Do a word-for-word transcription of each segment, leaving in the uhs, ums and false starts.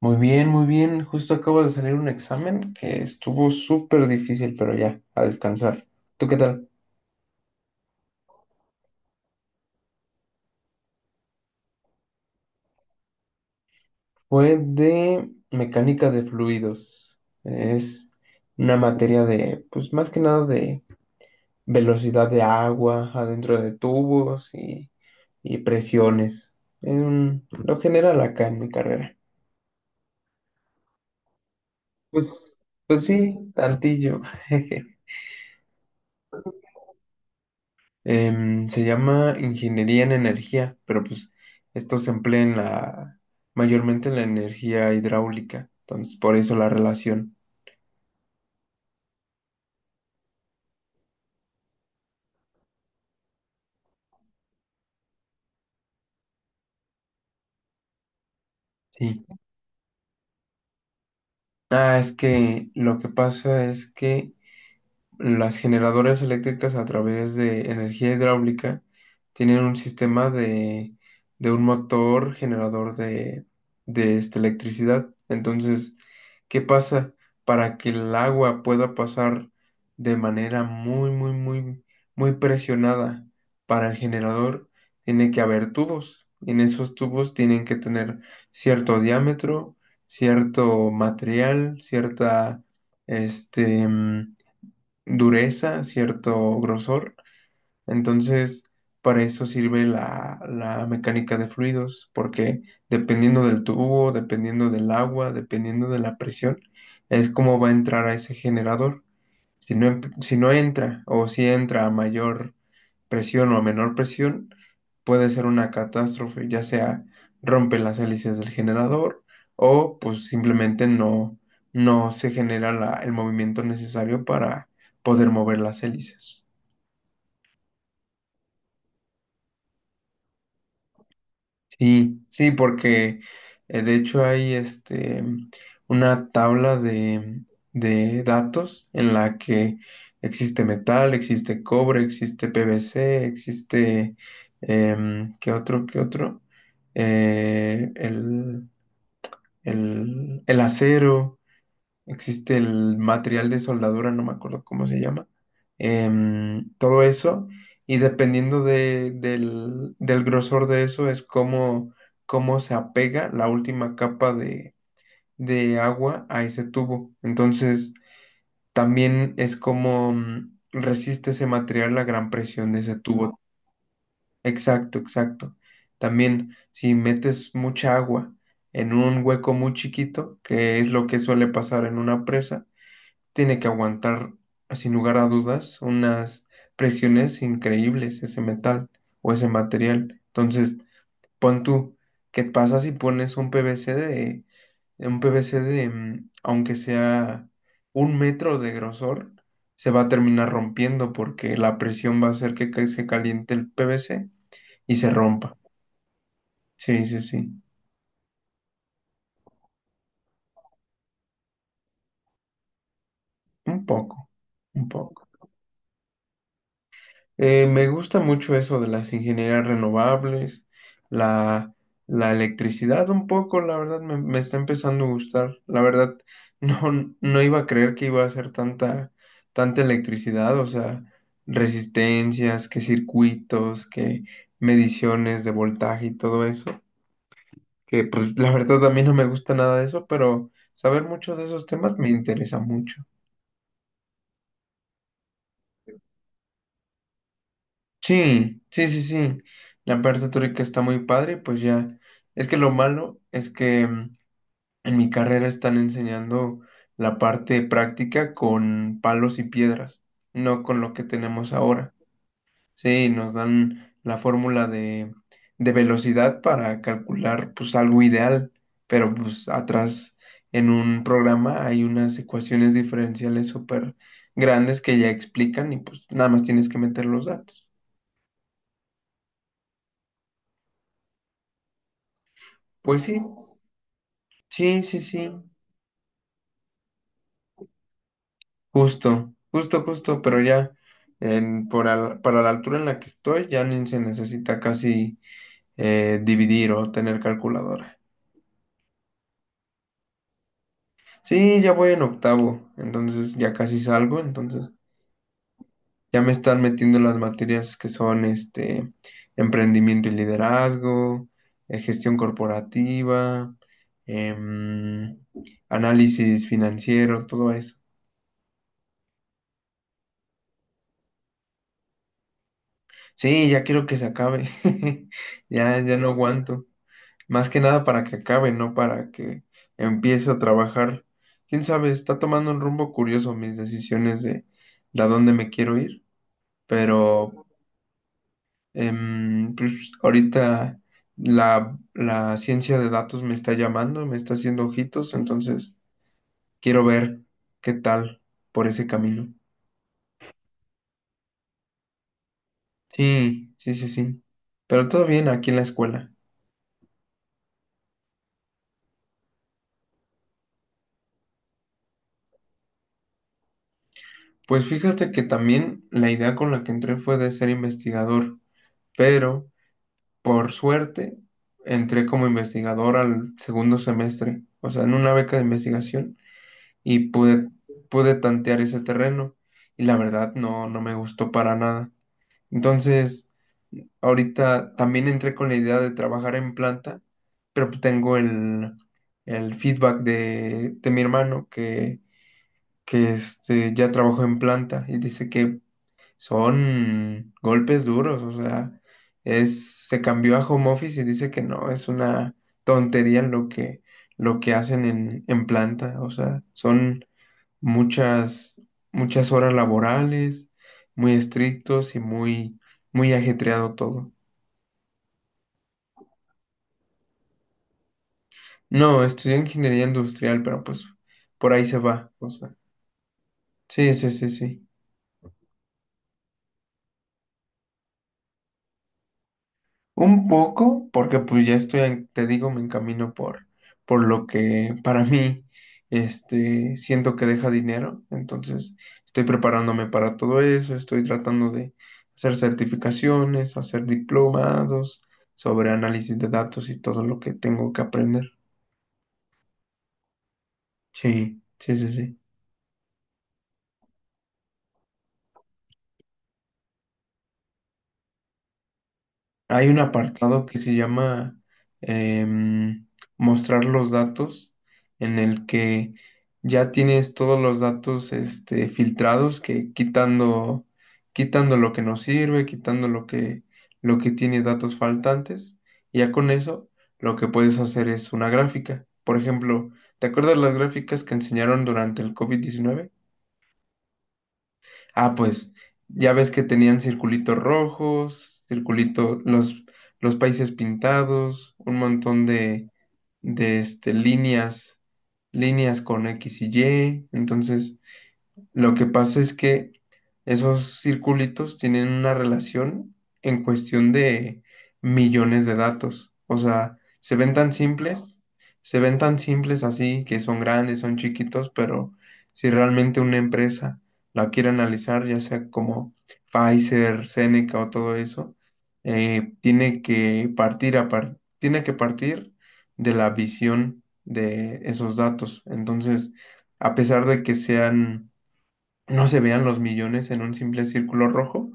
Muy bien, muy bien. Justo acabo de salir un examen que estuvo súper difícil, pero ya, a descansar. ¿Tú qué tal? Fue de mecánica de fluidos. Es una materia de, pues más que nada de velocidad de agua adentro de tubos y, y presiones. En lo general acá en mi carrera. Pues, pues sí, tantillo. Em, se llama ingeniería en energía, pero pues esto se emplea en la, mayormente en la energía hidráulica, entonces por eso la relación. Sí. Ah, es que lo que pasa es que las generadoras eléctricas a través de energía hidráulica tienen un sistema de, de un motor generador de, de esta electricidad. Entonces, ¿qué pasa? Para que el agua pueda pasar de manera muy, muy, muy, muy presionada para el generador, tiene que haber tubos. En esos tubos tienen que tener cierto diámetro, cierto material, cierta, este, dureza, cierto grosor. Entonces, para eso sirve la, la mecánica de fluidos, porque dependiendo del tubo, dependiendo del agua, dependiendo de la presión, es como va a entrar a ese generador. Si no, em- si no entra o si entra a mayor presión o a menor presión, puede ser una catástrofe, ya sea rompe las hélices del generador o pues simplemente no, no se genera la- el movimiento necesario para poder mover las hélices. Sí, sí, porque eh, de hecho hay este una tabla de, de datos en la que existe metal, existe cobre, existe P V C, existe em, ¿qué otro? ¿Qué otro? Eh, el, el, el acero, existe el material de soldadura, no me acuerdo cómo se llama, em, todo eso, y dependiendo de- del, del grosor de eso es cómo, cómo se apega la última capa de, de agua a ese tubo. Entonces, también es como mm, resiste ese material la gran presión de ese tubo. Exacto, exacto. También, si metes mucha agua en un hueco muy chiquito, que es lo que suele pasar en una presa, tiene que aguantar, sin lugar a dudas, unas presiones increíbles ese metal o ese material. Entonces, pon tú, ¿qué pasa si pones un P V C de, un P V C de, mm, aunque sea un metro de grosor, se va a terminar rompiendo porque la presión va a hacer que ca- se caliente el P V C y se rompa. Sí, sí, sí, un poco, un poco. Eh, me gusta mucho eso de las ingenierías renovables, la, la electricidad un poco, la verdad me, me está empezando a gustar. La verdad, no, no iba a creer que iba a hacer tanta, tanta electricidad, o sea, resistencias, que circuitos, que mediciones de voltaje y todo eso, que pues la verdad a mí no me gusta nada de eso, pero saber mucho de esos temas me interesa mucho. Sí, sí, sí, sí. La parte teórica está muy padre, pues ya. Es que lo malo es que mm, en mi carrera están enseñando la parte práctica con palos y piedras, no con lo que tenemos ahora. Sí, nos dan la fórmula de, de velocidad para calcular pues algo ideal, pero pues atrás en un programa hay unas ecuaciones diferenciales súper grandes que ya explican y pues nada más tienes que meter los datos. Pues sí. Sí, sí, sí, justo, justo, justo, pero ya en- por al- para la altura en la que estoy ya ni se necesita casi eh, dividir o tener calculadora. Sí, ya voy en octavo, entonces ya casi salgo, entonces ya me están metiendo las materias que son este emprendimiento y liderazgo, eh, gestión corporativa, em, análisis financiero, todo eso. Sí, ya quiero que se acabe, ya, ya no aguanto. Más que nada para que acabe, no para que empiece a trabajar. Quién sabe, está tomando un rumbo curioso mis decisiones de, de a dónde me quiero ir, pero em, pues, ahorita la, la ciencia de datos me está llamando, me está haciendo ojitos, entonces quiero ver qué tal por ese camino. Sí, sí, sí, sí. Pero todo bien aquí en la escuela. Pues fíjate que también la idea con la que entré fue de ser investigador, pero por suerte, entré como investigador al segundo semestre, o sea, en una beca de investigación y pude, pude tantear ese terreno y la verdad no, no me gustó para nada. Entonces, ahorita también entré con la idea de trabajar en planta, pero pues tengo el, el feedback de, de mi hermano que, que este, ya trabajó en planta y dice que son golpes duros, o sea, es, se cambió a home office y dice que no, es una tontería lo que, lo que hacen en, en planta, o sea, son muchas, muchas horas laborales, muy estrictos y muy, muy ajetreado todo. No, estudié ingeniería industrial, pero pues por ahí se va, o sea, sí, sí, sí, sí. Un poco, porque pues ya estoy, en- te digo, me encamino por, por lo que para mí, este, siento que deja dinero. Entonces, estoy preparándome para todo eso, estoy tratando de hacer certificaciones, hacer diplomados sobre análisis de datos y todo lo que tengo que aprender. Sí, sí, sí, sí. Hay un apartado que se llama em, mostrar los datos, en el que ya tienes todos los datos este, filtrados, que quitando, quitando lo que no sirve, quitando lo que, lo que tiene datos faltantes, y ya con eso lo que puedes hacer es una gráfica. Por ejemplo, ¿te acuerdas las gráficas que enseñaron durante el covid diecinueve? Ah, pues ya ves que tenían circulitos rojos, circulito, los, los países pintados, un montón de, de este, líneas, líneas con X y Y. Entonces, lo que pasa es que esos circulitos tienen una relación en cuestión de millones de datos. O sea, se ven tan simples, se ven tan simples así, que son grandes, son chiquitos, pero si realmente una empresa la quiere analizar, ya sea como Pfizer, Seneca o todo eso, eh, tiene que partir a par- tiene que partir de la visión de esos datos. Entonces, a pesar de que sean no se vean los millones en un simple círculo rojo,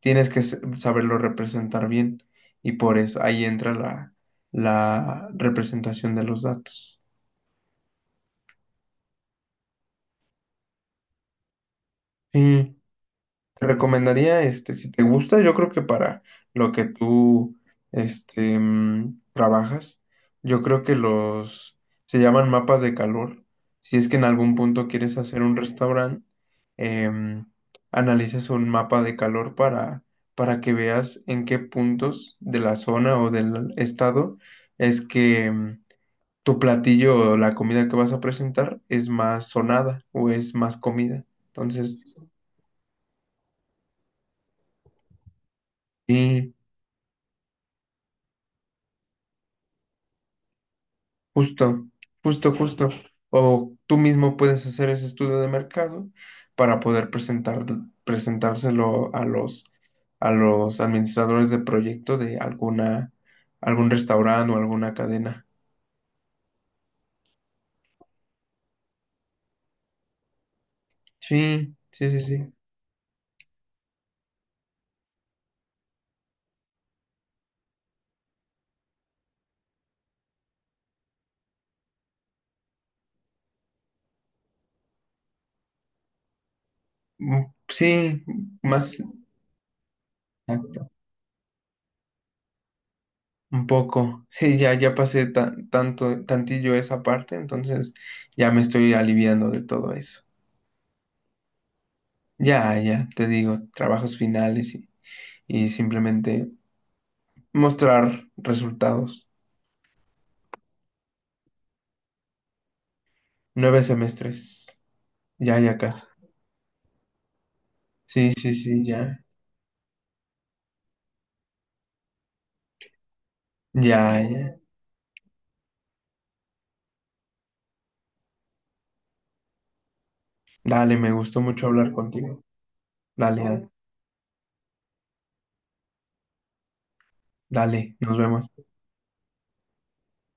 tienes que s- saberlo representar bien y por eso ahí entra la, la representación de los datos. Sí. Te recomendaría, este, si te gusta, yo creo que para lo que tú, este, mm, trabajas, yo creo que los, se llaman mapas de calor. Si es que en algún punto quieres hacer un restaurante, em, analices un mapa de calor para, para que veas en qué puntos de la zona o del estado es que mm, tu platillo o la comida que vas a presentar es más sonada o es más comida. Entonces, sí. Justo, justo, justo. O tú mismo puedes hacer ese estudio de mercado para poder presentar, presentárselo a los, a los administradores de proyecto de alguna, algún restaurante o alguna cadena. Sí, sí, sí, sí. Mm, sí, más exacto, un poco. Sí, ya, ya pasé ta- tanto, tantillo esa parte, entonces ya me estoy aliviando de todo eso. Ya, ya, te digo, trabajos finales y, y simplemente mostrar resultados. Nueve semestres. Ya, ya casi. Sí, sí, sí, ya. Ya, ya. Dale, me gustó mucho hablar contigo. Dale, dale, nos vemos.